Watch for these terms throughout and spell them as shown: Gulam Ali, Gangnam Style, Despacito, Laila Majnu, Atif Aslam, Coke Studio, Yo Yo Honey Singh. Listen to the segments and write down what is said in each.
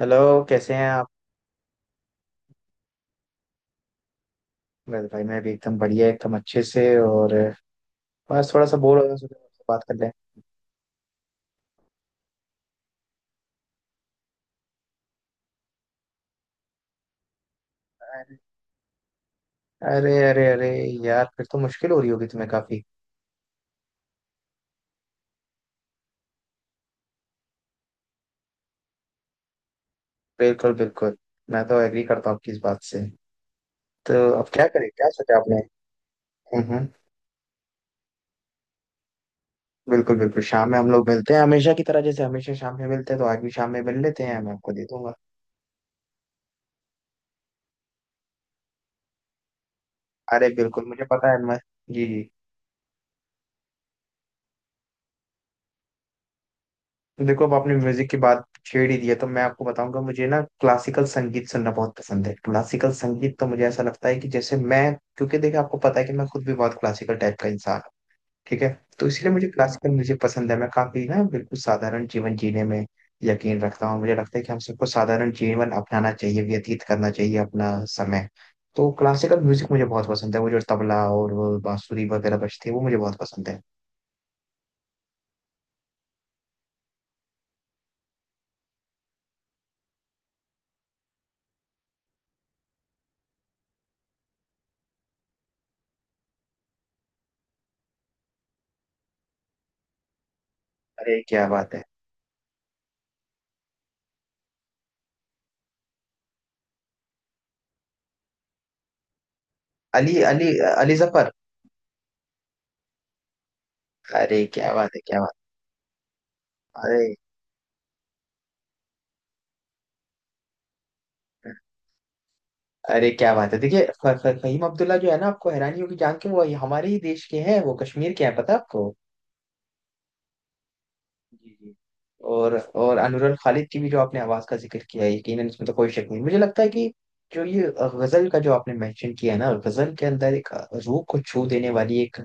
Hello. कैसे हैं आप? बस भाई मैं भी एकदम बढ़िया, एकदम अच्छे से। और बस थोड़ा सा बोर हो रहा हूँ, सोचा आपसे बात कर लें। अरे अरे अरे अरे यार, फिर तो मुश्किल हो रही होगी तुम्हें काफी। बिल्कुल बिल्कुल, मैं तो एग्री करता हूँ आपकी इस बात से। तो अब क्या करें, क्या सोचा आपने? हम्म हम्म, बिल्कुल बिल्कुल, शाम में हम लोग मिलते हैं हमेशा की तरह, जैसे हमेशा शाम में मिलते हैं तो आज भी शाम में मिल लेते हैं, मैं आपको दे दूंगा। अरे बिल्कुल मुझे पता है मैं। जी जी। देखो, अब आपने म्यूजिक की बात छेड़ ही दिया तो मैं आपको बताऊंगा, मुझे ना क्लासिकल संगीत सुनना बहुत पसंद है। क्लासिकल संगीत तो मुझे ऐसा लगता है कि जैसे मैं, क्योंकि देखिए आपको पता है कि मैं खुद भी बहुत क्लासिकल टाइप का इंसान हूँ। ठीक है, तो इसलिए मुझे क्लासिकल म्यूजिक पसंद है। मैं काफी ना बिल्कुल साधारण जीवन जीने में यकीन रखता हूँ। मुझे लगता है कि हम सबको साधारण जीवन अपनाना चाहिए, व्यतीत करना चाहिए अपना समय। तो क्लासिकल म्यूजिक मुझे बहुत पसंद है, वो जो तबला और वो बांसुरी वगैरह बजती है वो मुझे बहुत पसंद है। अरे क्या बात है! अली अली, अली जफर। अरे क्या बात है, क्या बात! अरे। अरे क्या बात है, देखिए फहीम अब्दुल्ला जो है ना, आपको हैरानी होगी जान के, वो हमारे ही देश के हैं, वो कश्मीर के हैं, पता है आपको? जी जी। और अनुरन खालिद की भी जो आपने आवाज का जिक्र किया है, यकीनन इसमें तो कोई शक नहीं। मुझे लगता है कि जो ये गजल का जो आपने मेंशन किया है ना, गजल के अंदर एक रूह को छू देने वाली एक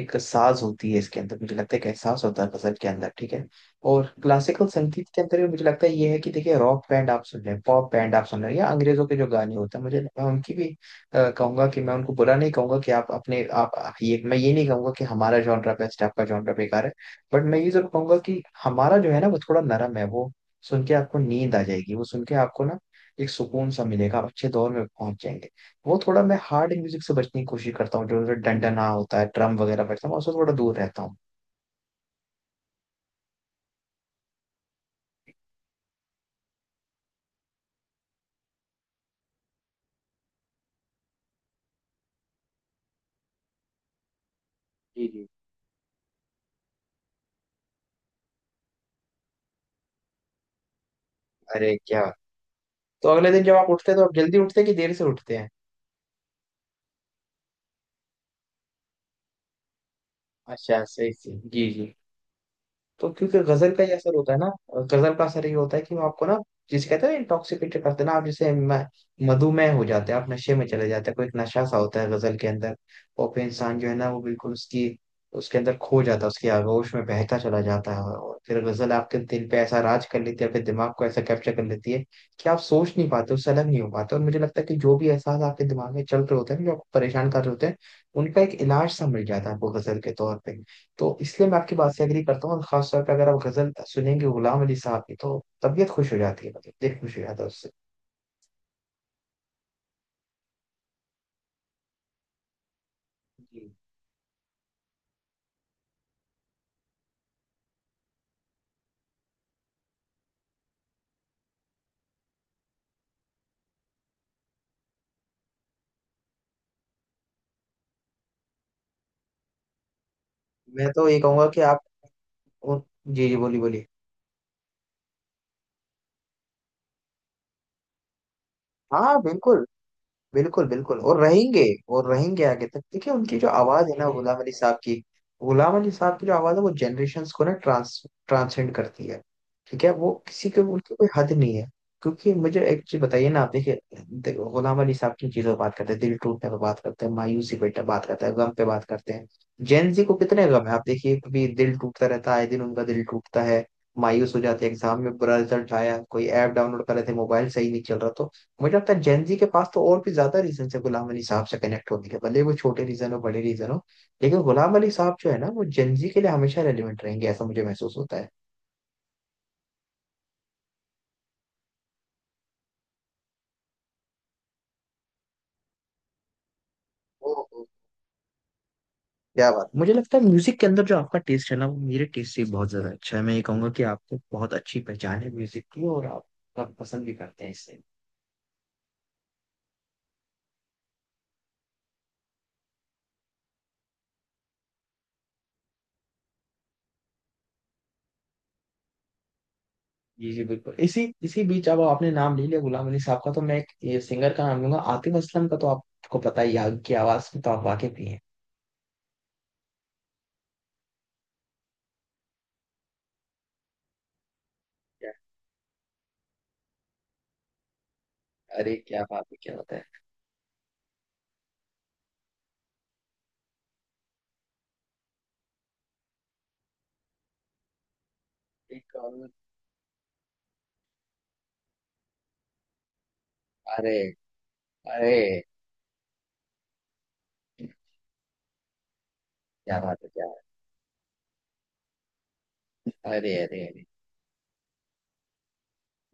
एक साज होती है। इसके अंदर मुझे लगता है एक एहसास होता है गजल के अंदर, ठीक है। और क्लासिकल संगीत के अंदर भी मुझे लगता है ये है कि देखिए, रॉक बैंड आप सुन रहे हैं, पॉप बैंड आप सुन रहे हैं, या अंग्रेजों के जो गाने होते हैं, मुझे, मैं उनकी भी कहूंगा कि मैं उनको बुरा नहीं कहूंगा कि आप अपने आप, ये मैं ये नहीं कहूंगा कि हमारा जॉनरा बेस्ट है, आपका जॉनरा बेकार है। बट मैं ये जरूर कहूंगा कि हमारा जो है ना वो थोड़ा नरम है। वो सुन के आपको नींद आ जाएगी, वो सुन के आपको ना एक सुकून सा मिलेगा, आप अच्छे दौर में पहुंच जाएंगे। वो थोड़ा, मैं हार्ड म्यूजिक से बचने की कोशिश करता हूँ। जो डंडना होता है, ड्रम वगैरह बजता है, मैं उससे थोड़ा दूर रहता हूँ। जी जी। अरे क्या! तो अगले दिन जब आप उठते हैं तो आप जल्दी उठते हैं कि देर से उठते हैं? अच्छा, सही सही, जी जी। तो क्योंकि गजल का ही असर होता है ना। गजल का असर ये होता है कि वो आपको ना जिसे कहते हैं इंटॉक्सिकेटेड करते हैं ना, आप जैसे मधुमेह हो जाते हैं, आप नशे में चले जाते हैं। कोई एक नशा सा होता है गजल के अंदर। और फिर इंसान जो है ना वो बिल्कुल उसकी, उसके अंदर खो जाता है, उसकी आगोश में बहता चला जाता है। और फिर गजल आपके दिल पे ऐसा राज कर लेती है, आपके दिमाग को ऐसा कैप्चर कर लेती है कि आप सोच नहीं पाते, उससे अलग नहीं हो पाते। और मुझे लगता है कि जो भी एहसास आपके दिमाग में चल रहे होते हैं, जो आपको परेशान कर रहे होते हैं, उनका एक इलाज सा मिल जाता है आपको गजल के तौर पे। तो इसलिए मैं आपकी बात से एग्री करता हूँ, और खासतौर पे अगर आप गजल सुनेंगे गुलाम अली साहब की तो तबीयत खुश हो जाती है, मतलब दिल खुश हो जाता है उससे। जी। मैं तो ये कहूंगा कि आप उन- जी जी, बोली बोली। हाँ बिल्कुल, बिल्कुल बिल्कुल, और रहेंगे। और रहेंगे आगे तक। देखिए उनकी जो आवाज है ना गुलाम अली साहब की, गुलाम अली साहब की जो आवाज है वो जनरेशन्स को ना ट्रांस, ट्रांसेंड करती है। ठीक है, वो किसी के, उनकी कोई हद नहीं है। क्योंकि मुझे एक चीज बताइए ना, आप देखिए, देखो, गुलाम अली साहब किन चीजों पर बात करते हैं? दिल टूटने पर बात करते हैं, मायूसी पे बात करते हैं, गम पे बात करते हैं। जेन जी को कितने गम है आप देखिए, कभी दिल टूटता रहता है, आए दिन उनका दिल टूटता है, मायूस हो जाते हैं, एग्जाम में बुरा रिजल्ट आया, कोई ऐप डाउनलोड कर रहे थे, मोबाइल सही नहीं चल रहा, तो मुझे लगता है जेनजी के पास तो और भी ज्यादा रीजन है गुलाम अली साहब से कनेक्ट होने के, भले वो छोटे रीजन हो, बड़े रीजन हो। लेकिन गुलाम अली साहब जो है ना वो जेनजी के लिए हमेशा रेलिवेंट रहेंगे, ऐसा मुझे महसूस होता है। ओहो। क्या बात! मुझे लगता है म्यूजिक के अंदर जो आपका टेस्ट है ना वो मेरे टेस्ट से बहुत ज्यादा अच्छा है। मैं ये कहूंगा कि आपको बहुत अच्छी पहचान है म्यूजिक की, और आप पसंद भी करते हैं इससे। जी जी बिल्कुल। इसी इसी बीच अब आपने नाम ले लिया गुलाम अली साहब का, तो मैं एक ये सिंगर का नाम लूंगा, आतिफ असलम का, तो आपको पता ही है, आपकी आवाज में तो आप वाकिफ ही हैं। क्या- अरे क्या बात है, क्या बात है! एक कानून। अरे। अरे क्या बात है, क्या बात है! अरे अरे अरे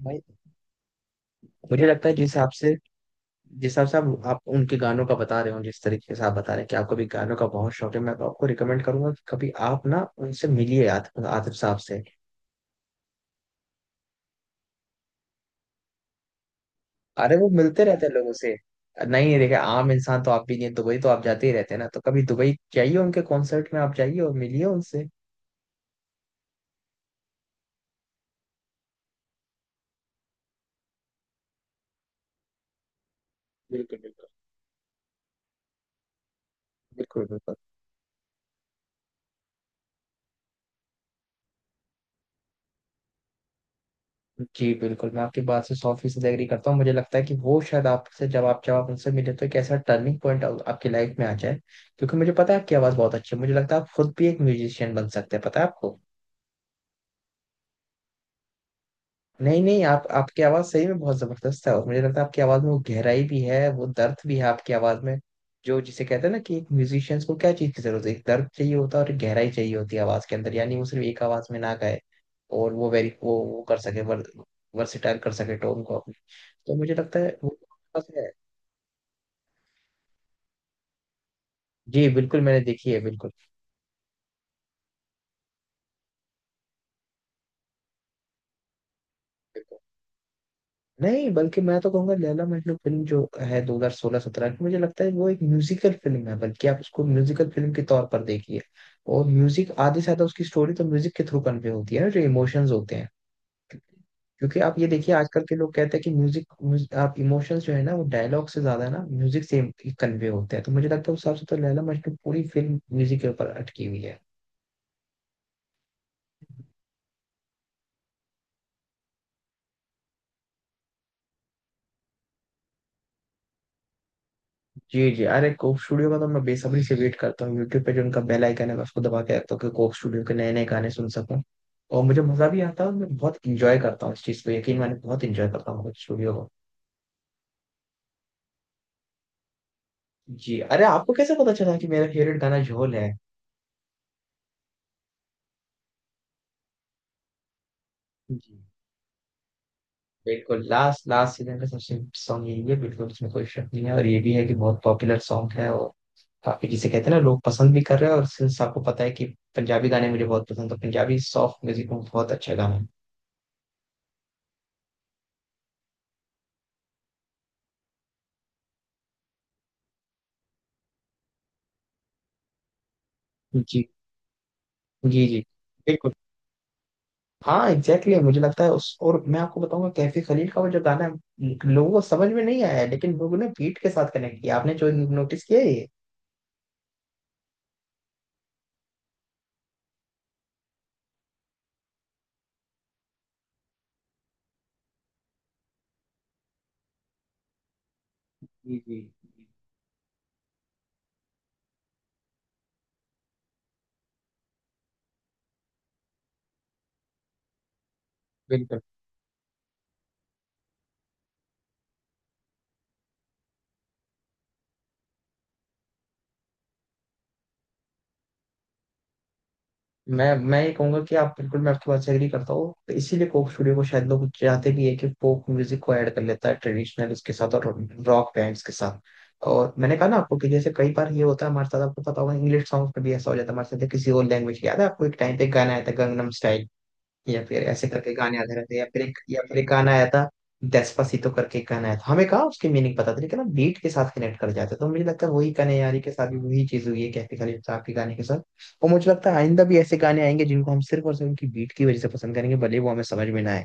भाई, मुझे लगता है जिस हिसाब से, जिस हिसाब से आप उनके गानों का बता रहे हो, जिस तरीके से आप बता रहे हैं कि आपको भी गानों का बहुत शौक है, मैं तो आपको रिकमेंड करूंगा कि कभी आप ना उनसे मिलिए, आतिफ, आतिफ साहब से। अरे वो मिलते रहते हैं लोगों से। नहीं, देखे आम इंसान तो आप भी नहीं हैं, दुबई तो आप जाते ही रहते हैं ना, तो कभी दुबई जाइए, उनके कॉन्सर्ट में आप जाइए और मिलिए उनसे। बिल्कुल बिल्कुल, बिल्कुल बिल्कुल। जी बिल्कुल, मैं आपकी बात से सौ फीसद एग्री करता हूँ। मुझे लगता है कि वो शायद आपसे जब आप, उनसे मिले तो एक ऐसा टर्निंग पॉइंट आपकी लाइफ में आ जाए। क्योंकि मुझे पता है आपकी आवाज़ बहुत अच्छी है, मुझे लगता है आप खुद भी एक म्यूजिशियन बन सकते हैं, पता है आपको? नहीं नहीं, आप आपकी आवाज सही में बहुत जबरदस्त है और मुझे लगता है आपकी आवाज में वो गहराई भी है, वो दर्द भी है आपकी आवाज में। जो जिसे कहते हैं ना, कि एक म्यूजिशियंस को क्या चीज की जरूरत है? एक दर्द चाहिए होता है और एक गहराई चाहिए होती है आवाज के अंदर, यानी वो सिर्फ एक आवाज में ना गाए और वो वेरी वो कर सके वर, वर्सेटाइल कर सके टोन को अपनी। तो मुझे लगता है वो आपके पास है। जी बिल्कुल, मैंने देखी है, बिल्कुल। नहीं, बल्कि मैं तो कहूंगा लैला मजनू फिल्म जो है 2016-17 की, मुझे लगता है वो एक म्यूजिकल फिल्म है। बल्कि आप उसको म्यूजिकल फिल्म के तौर पर देखिए, और म्यूजिक, आधे से आधा उसकी स्टोरी तो म्यूजिक के थ्रू कन्वे होती है ना, जो इमोशंस होते हैं। क्योंकि आप ये देखिए आजकल के लोग कहते हैं कि आप इमोशंस जो है ना वो डायलॉग से ज्यादा ना म्यूजिक से कन्वे होते हैं। तो मुझे लगता है उस हिसाब से तो लैला मजनू पूरी फिल्म म्यूजिक के ऊपर अटकी हुई है। जी जी। अरे, कोक स्टूडियो का तो मैं बेसब्री से वेट करता हूँ, यूट्यूब पे जो उनका बेल आइकन है मैं उसको दबा के रखता हूँ कि कोक स्टूडियो के नए नए गाने सुन सकूँ। और मुझे मजा भी आता है, और मैं बहुत इंजॉय करता हूँ इस चीज को, यकीन माने बहुत इंजॉय करता हूँ कोक स्टूडियो को। जी। अरे आपको कैसे पता चला कि मेरा फेवरेट गाना झोल है? जी बिल्कुल, लास्ट लास्ट सीजन का सबसे सॉन्ग यही है, बिल्कुल उसमें कोई शक नहीं है। और ये भी है कि बहुत पॉपुलर सॉन्ग है और काफी, जिसे कहते हैं ना, लोग पसंद भी कर रहे हैं। और सिंस आपको पता है कि पंजाबी गाने मुझे बहुत पसंद है, तो पंजाबी सॉफ्ट म्यूजिक में बहुत अच्छा गाना है। जी जी जी, बिल्कुल। हाँ, एग्जैक्टली, मुझे लगता है उस, और मैं आपको बताऊंगा कैफी खलील का वो जो गाना है, लोगों को समझ में नहीं आया है, लेकिन लोगों ने बीट के साथ कनेक्ट किया, आपने जो नोटिस किया है ये। जी जी जी। बिल्कुल, मैं ये कहूंगा कि आप, बिल्कुल मैं आपकी बात से एग्री करता हूँ। तो इसीलिए कोक स्टूडियो को शायद लोग चाहते भी है कि फोक म्यूजिक को ऐड कर लेता है ट्रेडिशनल उसके साथ, और रॉक बैंड्स के साथ। और मैंने कहा ना आपको कि जैसे कई बार ये होता है हमारे साथ, आपको पता होगा इंग्लिश सॉन्ग्स में भी ऐसा हो जाता है हमारे साथ, या किसी और लैंग्वेज, याद है आपको एक टाइम पे एक गाना आया था गंगनम स्टाइल, या फिर ऐसे करके गाने आते रहते हैं, या फिर एक, या फिर एक गाना आया था डेस्पासीतो करके एक गाना आया था, हमें कहा उसकी मीनिंग पता थी, लेकिन हम बीट के साथ कनेक्ट कर जाते। तो मुझे लगता है वही गाने यारी के साथ भी वही चीज हुई है कैफे खलील साहब के गाने के साथ। और मुझे लगता है आइंदा भी ऐसे गाने आएंगे जिनको हम सिर्फ और सिर्फ उनकी बीट की वजह से पसंद करेंगे, भले वो हमें समझ में ना आए।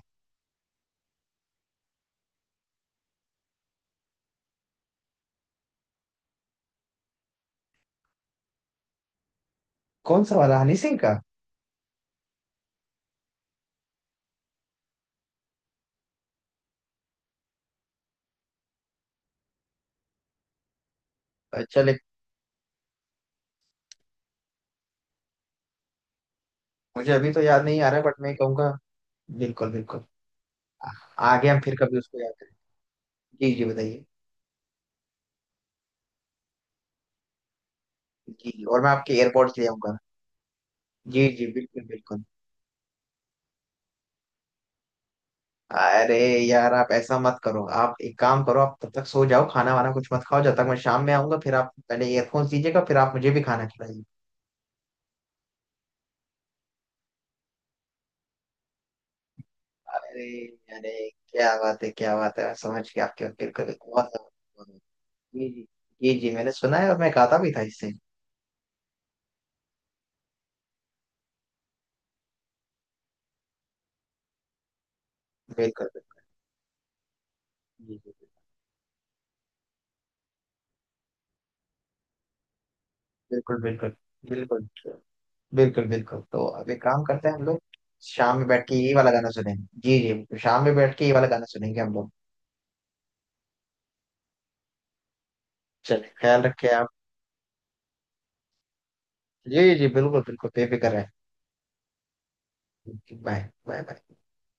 कौन सा वाला, हनी सिंह का? चले, मुझे अभी तो याद नहीं आ रहा है, बट मैं कहूंगा, बिल्कुल बिल्कुल। आ- आगे हम फिर कभी उसको याद करें। जी जी, बताइए। जी जी, और मैं आपके एयरपोर्ट ले आऊंगा। जी जी बिल्कुल बिल्कुल। अरे यार, आप ऐसा मत करो, आप एक काम करो, आप तब तक सो जाओ, खाना वाना कुछ मत खाओ, जब तक मैं शाम में आऊंगा। फिर आप पहले ईयरफोन्स दीजिएगा, फिर आप मुझे भी खाना खिलाइए। अरे, अरे क्या बात है, क्या बात है, मैं समझ गया आपके, बिल्कुल बिल्कुल, बहुत बहुत- जी जी। जी जी, मैंने सुना है और मैं गाता भी था इससे। बिल्कुल बिल्कुल। जी जी बिल्कुल बिल्कुल, बिल्कुल बिल्कुल। बिल्कुल, तो अब एक काम करते हैं हम लोग, शाम में बैठ के ये वाला गाना सुनेंगे। जी जी, शाम में बैठ के ये वाला गाना सुनेंगे हम लोग। चलिए, ख्याल रखिए आप। जी जी बिल्कुल बिल्कुल, बेफिक्र है। Bye, bye, bye, by.